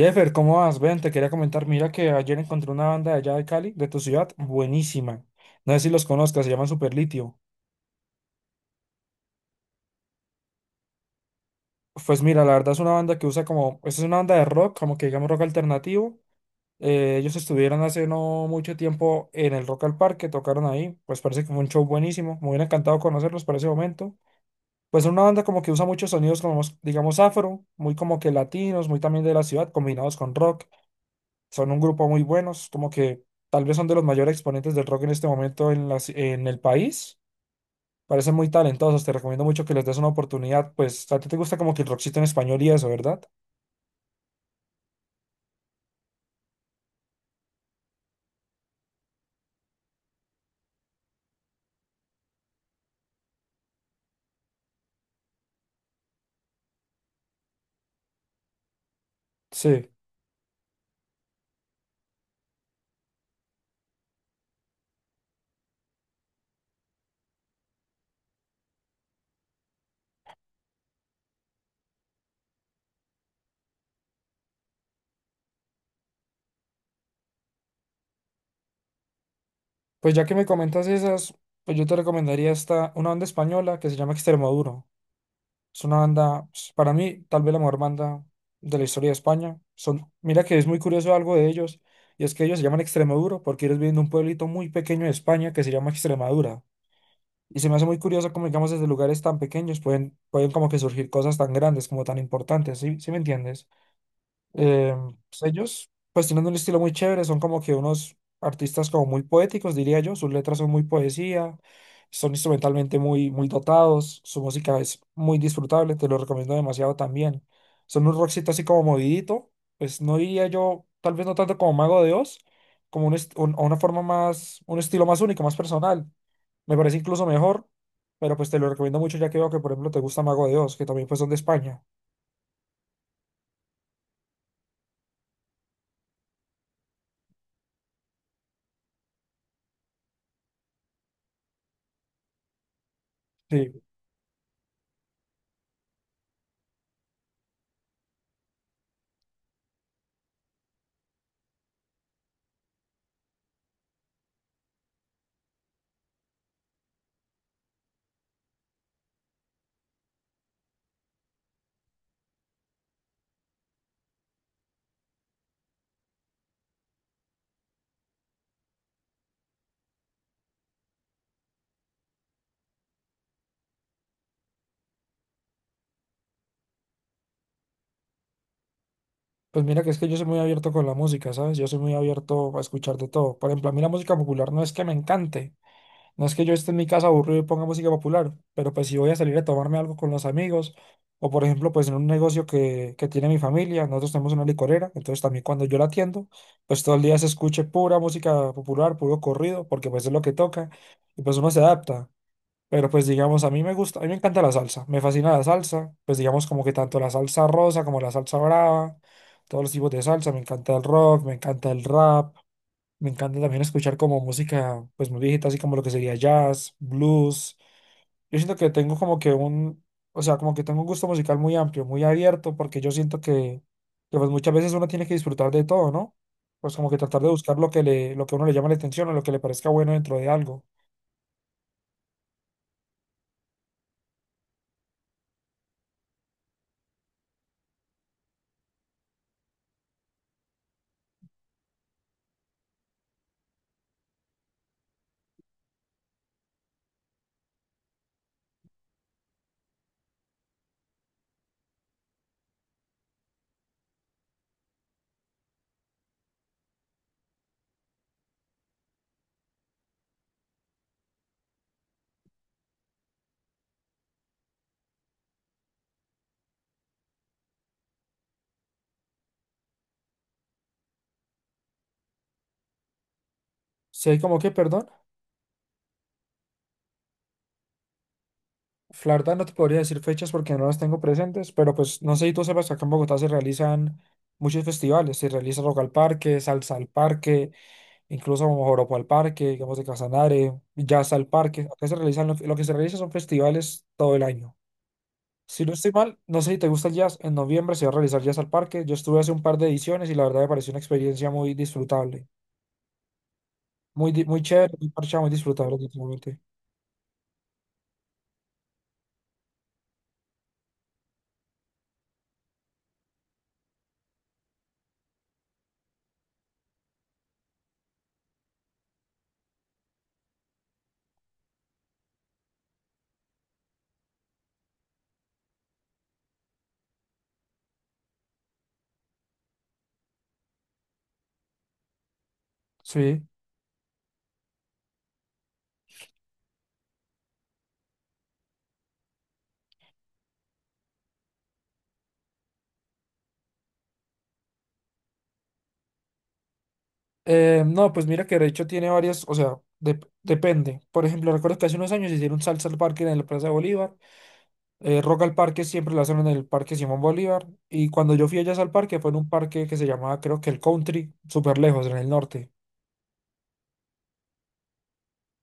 Jeffer, ¿cómo vas? Ven, te quería comentar, mira que ayer encontré una banda de allá de Cali, de tu ciudad, buenísima. No sé si los conozcas, se llaman Superlitio. Pues mira, la verdad es una banda que usa como, es una banda de rock, como que digamos rock alternativo. Ellos estuvieron hace no mucho tiempo en el Rock al Parque, tocaron ahí, pues parece que fue un show buenísimo, me hubiera encantado conocerlos para ese momento. Pues es una banda como que usa muchos sonidos como, digamos, afro, muy como que latinos, muy también de la ciudad, combinados con rock. Son un grupo muy buenos, como que tal vez son de los mayores exponentes del rock en este momento en, en el país. Parecen muy talentosos, te recomiendo mucho que les des una oportunidad. Pues a ti te gusta como que el rockcito en español y eso, ¿verdad? Sí. Pues ya que me comentas esas, pues yo te recomendaría esta, una banda española que se llama Extremoduro. Es una banda, pues, para mí, tal vez la mejor banda de la historia de España. Son, mira que es muy curioso algo de ellos, y es que ellos se llaman Extremoduro porque ellos vienen de un pueblito muy pequeño de España que se llama Extremadura. Y se me hace muy curioso cómo, digamos, desde lugares tan pequeños pueden como que surgir cosas tan grandes, como tan importantes, ¿sí? ¿Sí me entiendes? Eh, pues ellos, pues tienen un estilo muy chévere, son como que unos artistas como muy poéticos, diría yo, sus letras son muy poesía, son instrumentalmente muy dotados, su música es muy disfrutable, te lo recomiendo demasiado también. Son un rockcito así como movidito, pues no diría yo, tal vez no tanto como Mago de Oz, como una forma más, un estilo más único, más personal. Me parece incluso mejor, pero pues te lo recomiendo mucho ya que veo que, por ejemplo, te gusta Mago de Oz, que también pues son de España. Sí, pues mira que es que yo soy muy abierto con la música, ¿sabes? Yo soy muy abierto a escuchar de todo. Por ejemplo, a mí la música popular no es que me encante, no es que yo esté en mi casa aburrido y ponga música popular, pero pues si voy a salir a tomarme algo con los amigos, o por ejemplo, pues en un negocio que tiene mi familia, nosotros tenemos una licorera, entonces también cuando yo la atiendo, pues todo el día se escuche pura música popular, puro corrido, porque pues es lo que toca, y pues uno se adapta. Pero pues digamos, a mí me gusta, a mí me encanta la salsa, me fascina la salsa, pues digamos como que tanto la salsa rosa como la salsa brava, todos los tipos de salsa, me encanta el rock, me encanta el rap, me encanta también escuchar como música pues muy viejita, así como lo que sería jazz, blues. Yo siento que tengo como que un, o sea, como que tengo un gusto musical muy amplio, muy abierto, porque yo siento que pues muchas veces uno tiene que disfrutar de todo, ¿no? Pues como que tratar de buscar lo que le, lo que a uno le llama la atención o lo que le parezca bueno dentro de algo. Sé como que, perdón. La verdad no te podría decir fechas porque no las tengo presentes, pero pues no sé si tú sepas que acá en Bogotá se realizan muchos festivales, se realiza Rock al Parque, Salsa al Parque, incluso Joropo al Parque, digamos de Casanare, Jazz al Parque, acá se realizan, lo que se realiza son festivales todo el año. Si no estoy mal, no sé si te gusta el jazz, en noviembre se va a realizar Jazz al Parque, yo estuve hace un par de ediciones y la verdad me pareció una experiencia muy disfrutable, muy, muy chévere, muy parchada, muy disfrutable, definitivamente. Sí. No, pues mira que de hecho tiene varias, o sea, depende. Por ejemplo, recuerdo que hace unos años hicieron salsa al parque en la Plaza de Bolívar. Rock al parque siempre la hacen en el Parque Simón Bolívar. Y cuando yo fui allá al parque fue en un parque que se llamaba, creo que el Country, súper lejos, en el norte.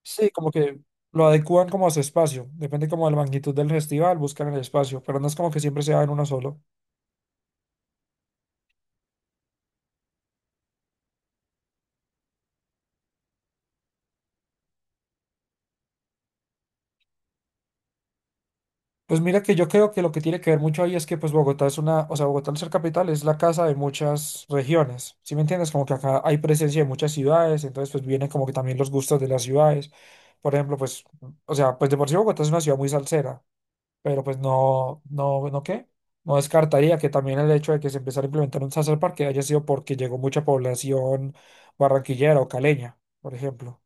Sí, como que lo adecúan como a su espacio. Depende como de la magnitud del festival, buscan el espacio, pero no es como que siempre sea en uno solo. Pues mira que yo creo que lo que tiene que ver mucho ahí es que pues Bogotá es una, o sea, Bogotá al ser capital es la casa de muchas regiones, ¿sí me entiendes? Como que acá hay presencia de muchas ciudades, entonces pues vienen como que también los gustos de las ciudades. Por ejemplo, pues, o sea, pues de por sí Bogotá es una ciudad muy salsera, pero pues no, no, ¿no qué? No descartaría que también el hecho de que se empezara a implementar un salsa parque haya sido porque llegó mucha población barranquillera o caleña, por ejemplo.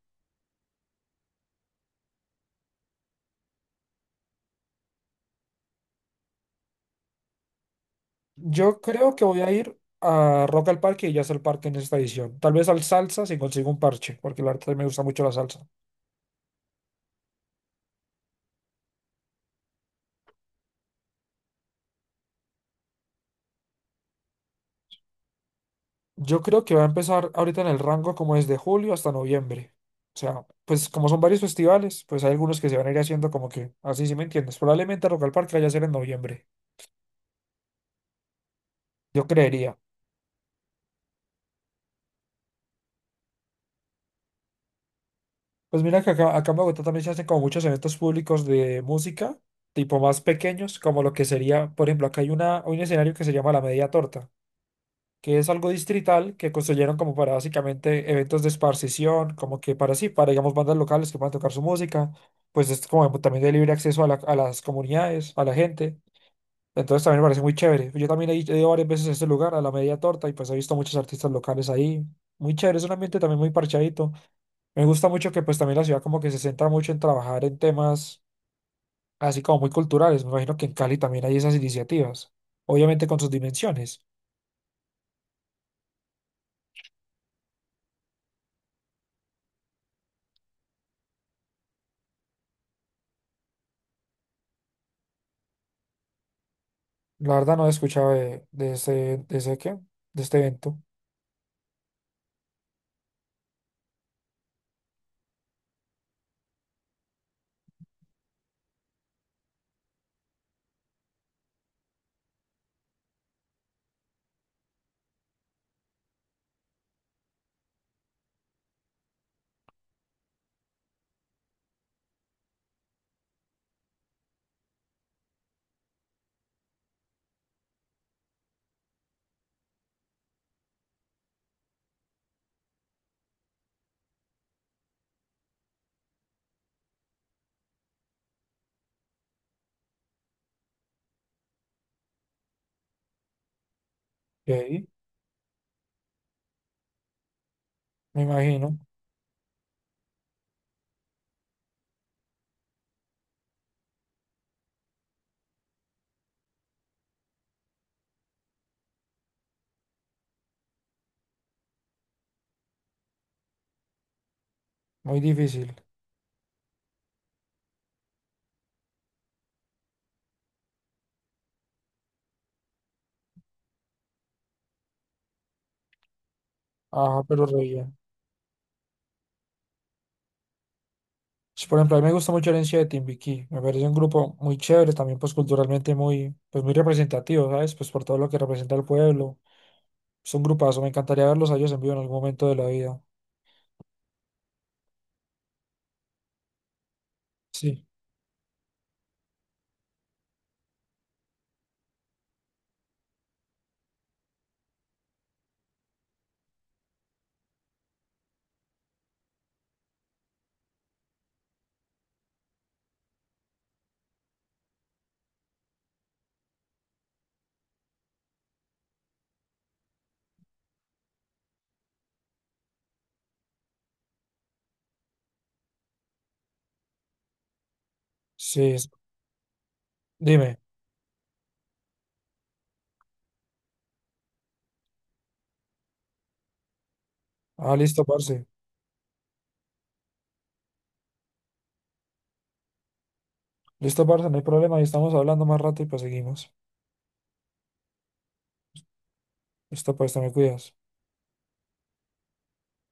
Yo creo que voy a ir a Rock al Parque y ya es el parque en esta edición. Tal vez al salsa si consigo un parche, porque la verdad me gusta mucho la salsa. Yo creo que va a empezar ahorita en el rango como desde julio hasta noviembre. O sea, pues como son varios festivales, pues hay algunos que se van a ir haciendo como que, así si me entiendes. Probablemente Rock al Parque vaya a ser en noviembre, yo creería. Pues mira que acá, acá en Bogotá también se hacen como muchos eventos públicos de música, tipo más pequeños, como lo que sería, por ejemplo, acá hay una, un escenario que se llama La Media Torta. Que es algo distrital que construyeron como para básicamente eventos de esparcición, como que para sí, para digamos bandas locales que puedan tocar su música, pues es como también de libre acceso a, a las comunidades, a la gente. Entonces también me parece muy chévere. Yo también he ido varias veces a este lugar, a la Media Torta, y pues he visto muchos artistas locales ahí. Muy chévere, es un ambiente también muy parchadito. Me gusta mucho que pues también la ciudad como que se centra mucho en trabajar en temas así como muy culturales. Me imagino que en Cali también hay esas iniciativas, obviamente con sus dimensiones. La verdad no he escuchado de ese qué, de este evento. Ok. Me imagino. Muy difícil. Ajá, pero re bien. Sí, por ejemplo, a mí me gusta mucho Herencia de Timbiquí. Me parece un grupo muy chévere, también pues culturalmente muy, pues muy representativo, ¿sabes? Pues por todo lo que representa el pueblo. Es un grupazo. Me encantaría verlos a ellos en vivo en algún momento de la vida. Sí. Sí, es- dime. Ah, listo, parce. Listo, parce, no hay problema. Ahí estamos hablando más rato y pues seguimos. Listo, pues, te me cuidas.